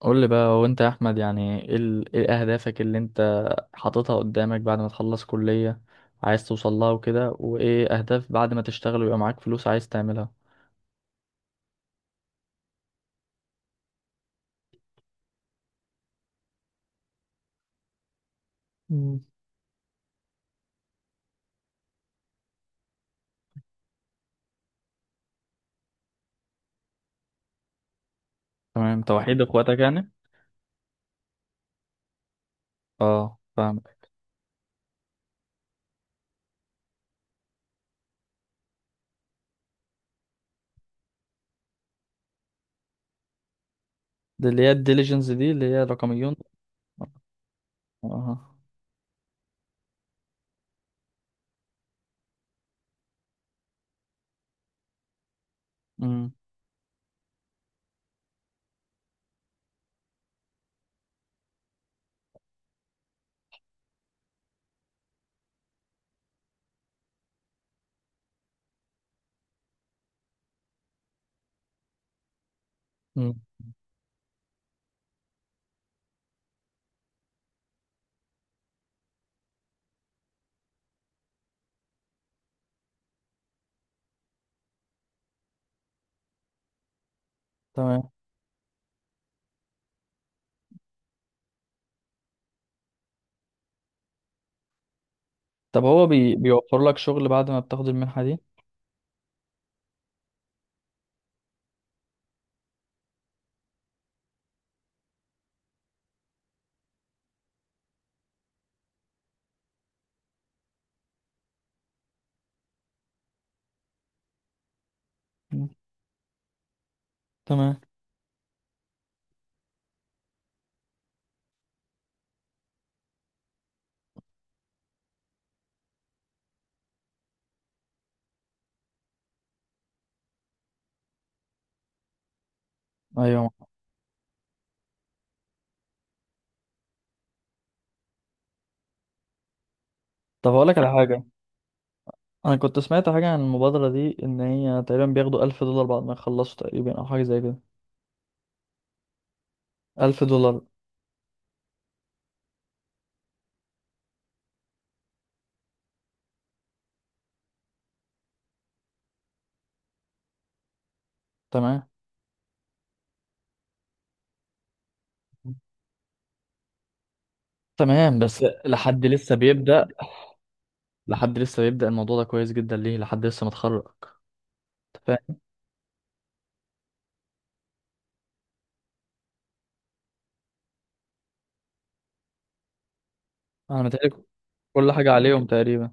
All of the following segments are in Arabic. قول لي بقى، هو انت يا احمد يعني ايه ايه اهدافك اللي انت حاططها قدامك بعد ما تخلص كلية عايز توصل لها وكده، وايه اهداف بعد ما تشتغل ويبقى معاك فلوس عايز تعملها؟ مم. تمام، توحيد اخواتك يعني؟ اه، فاهمك. دي اللي هي الديليجنس، دي اللي هي رقميون؟ اه. امم. امم. تمام. طب هو بيوفر لك شغل بعد ما بتاخد المنحة دي؟ مم. تمام. ايوه. طب هقول لك على حاجة. انا كنت سمعت حاجة عن المبادرة دي ان هي تقريبا بياخدوا 1000 دولار بعد ما يخلصوا تقريبا، او حاجة زي كده. 1000 دولار. تمام. تمام، بس لحد لسه بيبدأ. لحد لسه بيبدأ الموضوع ده كويس جدا ليه، لحد لسه متخرج. أنت فاهم. أنا متهيألي كل حاجة عليهم تقريبا.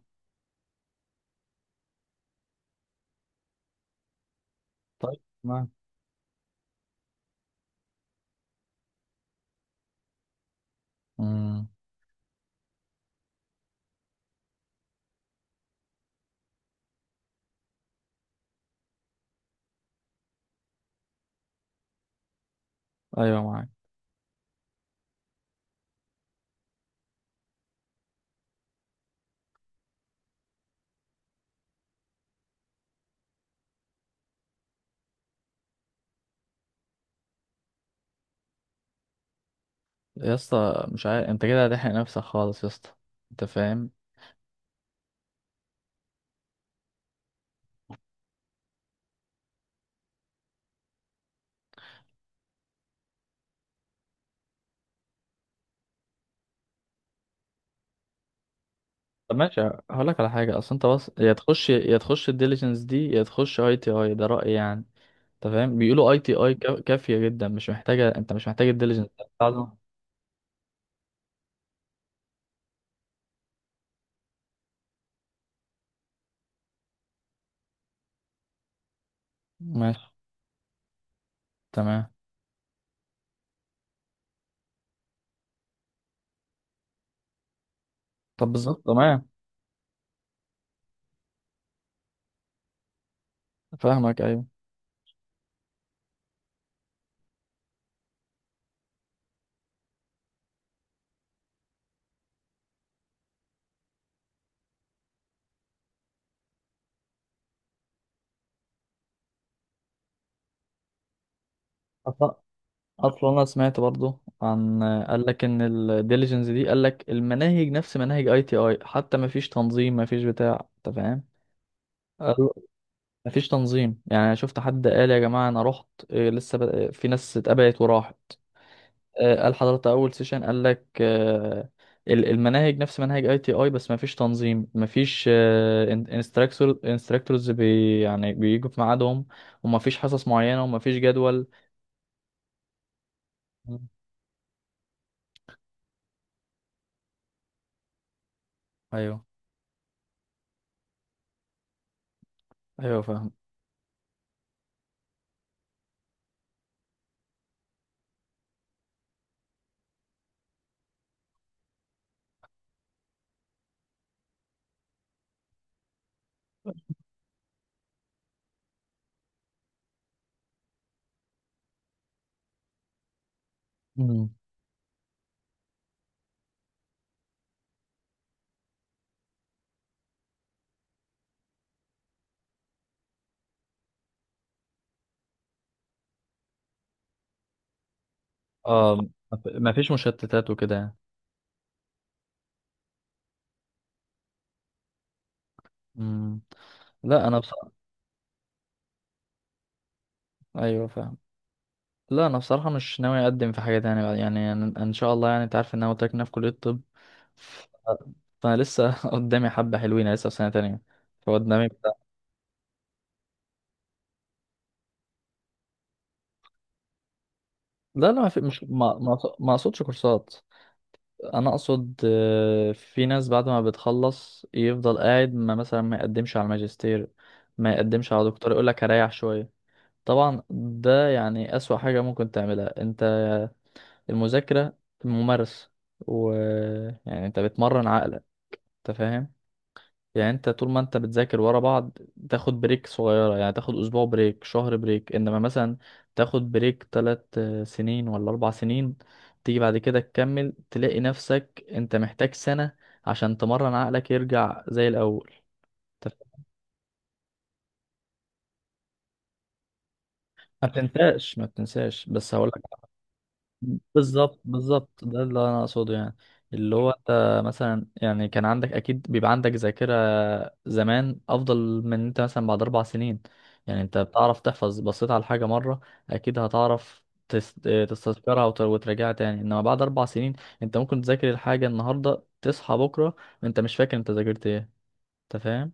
طيب، معاك. امم. أيوه، معاك. يا اسطى، مش عارف، أنت كده هتحرق نفسك خالص يا اسطى. أنت فاهم؟ طب ماشي. هقول لك على حاجة. أصل أنت بس يا تخش يا تخش الديليجنس دي، يا تخش أي تي أي، ده رأيي يعني. أنت فاهم؟ بيقولوا أي تي أي كافية جدا، مش محتاجة، أنت مش محتاج الديليجنس بتاعته. ماشي. تمام. طب بالظبط، تمام. فاهمك، ايوه. أص- اصلا انا سمعت برضو، عن قال لك ان الديليجنس دي قال لك المناهج نفس مناهج اي تي اي حتى، ما فيش تنظيم، ما فيش بتاع، انت فاهم. قال- ما فيش تنظيم يعني. أنا شفت حد قال يا جماعه انا رحت لسه في ناس اتقبلت وراحت. قال حضرتك اول سيشن قال لك المناهج نفس مناهج اي تي اي، بس ما فيش تنظيم، ما فيش انستراكتورز يعني بيجوا في ميعادهم، وما فيش حصص معينه وما فيش جدول. مم. ايوه. ايوه فاهم. مم. اه. ما فيش مشتتات وكده يعني. مم. لا، انا بصراحه. ايوه فاهم. لا، انا بصراحه مش ناوي اقدم في حاجه تانية بعد يعني. ان شاء الله يعني، انت عارف ان انا قلت لك إن أنا في كليه الطب. ف- فانا لسه قدامي حبه حلوين، أنا لسه في سنه تانية، فقدامي بتاع. لا لا، ما في مش ما ما اقصدش كورسات. انا اقصد في ناس بعد ما بتخلص يفضل قاعد، ما مثلا ما يقدمش على الماجستير، ما يقدمش على دكتور، يقول لك هريح شويه. طبعا ده يعني أسوأ حاجة ممكن تعملها. انت المذاكرة، ممارسة، و يعني انت بتمرن عقلك، انت فاهم. يعني انت طول ما انت بتذاكر ورا بعض تاخد بريك صغيرة، يعني تاخد اسبوع بريك، شهر بريك، انما مثلا تاخد بريك 3 سنين ولا 4 سنين، تيجي بعد كده تكمل، تلاقي نفسك انت محتاج سنة عشان تمرن عقلك يرجع زي الاول. انت ما تنساش ما تنساش، بس هقول. بالظبط بالظبط، ده اللي انا اقصده يعني. اللي هو انت مثلا، يعني كان عندك اكيد بيبقى عندك ذاكرة زمان افضل من انت مثلا بعد 4 سنين. يعني انت بتعرف تحفظ، بصيت على حاجة مرة اكيد هتعرف تستذكرها وتراجعها تاني، انما بعد 4 سنين انت ممكن تذاكر الحاجة النهاردة، تصحى بكرة انت مش فاكر انت ذاكرت ايه، انت فاهم.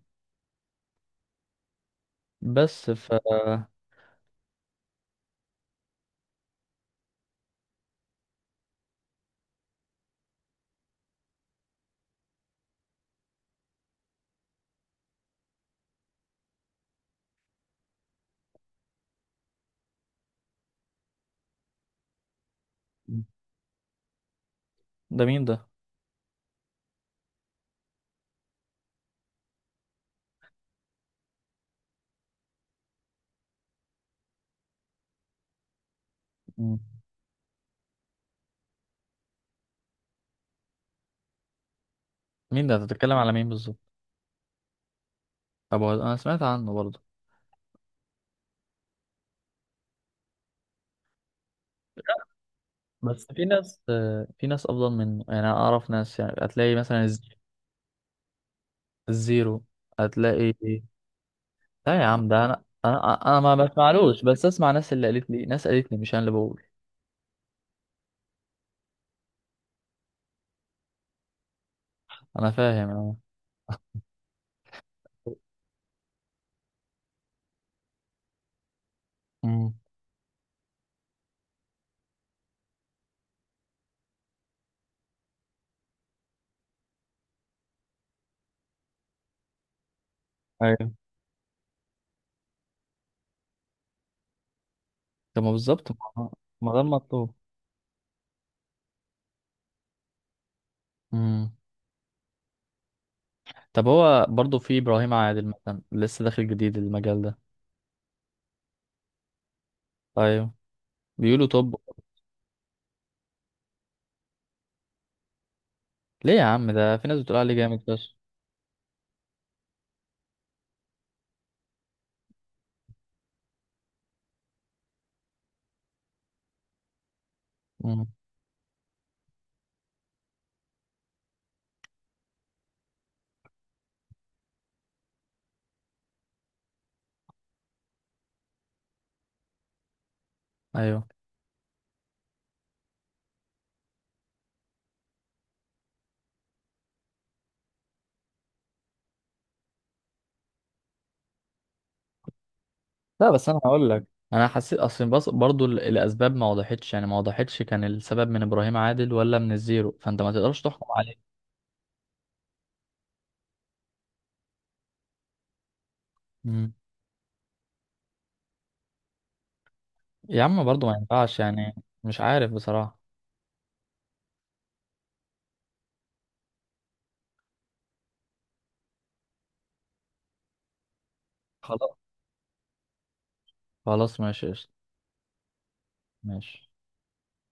بس ده مين ده؟ مم. مين ده، انت بتتكلم على مين بالظبط؟ طب انا سمعت عنه برضه. بس في ناس افضل منه يعني، أنا اعرف ناس، يعني هتلاقي مثلا الزيرو، هتلاقي. لا يا عم، ده انا ما بسمعلوش، بس اسمع، ناس اللي قالت لي، ناس قالت لي، مش انا اللي بقول. انا فاهم انا. امم. ايوه. طب ما بالظبط، ما ده المطلوب. امم. طب هو برضه في ابراهيم عادل مثلا لسه داخل جديد المجال ده. ايوه. بيقولوا؟ طب. ليه يا عم؟ ده في ناس بتقول عليه جامد فشخ. امم. ايوه. لا بس انا هقول لك. انا حسيت اصلا، بص برضو الاسباب ما وضحتش، يعني ما وضحتش كان السبب من ابراهيم عادل ولا من الزيرو، فانت ما تقدرش تحكم عليه. مم. يا عم برضو ما ينفعش يعني. مش عارف بصراحة. خلاص. خلاص ماشي قشطة. ماشي.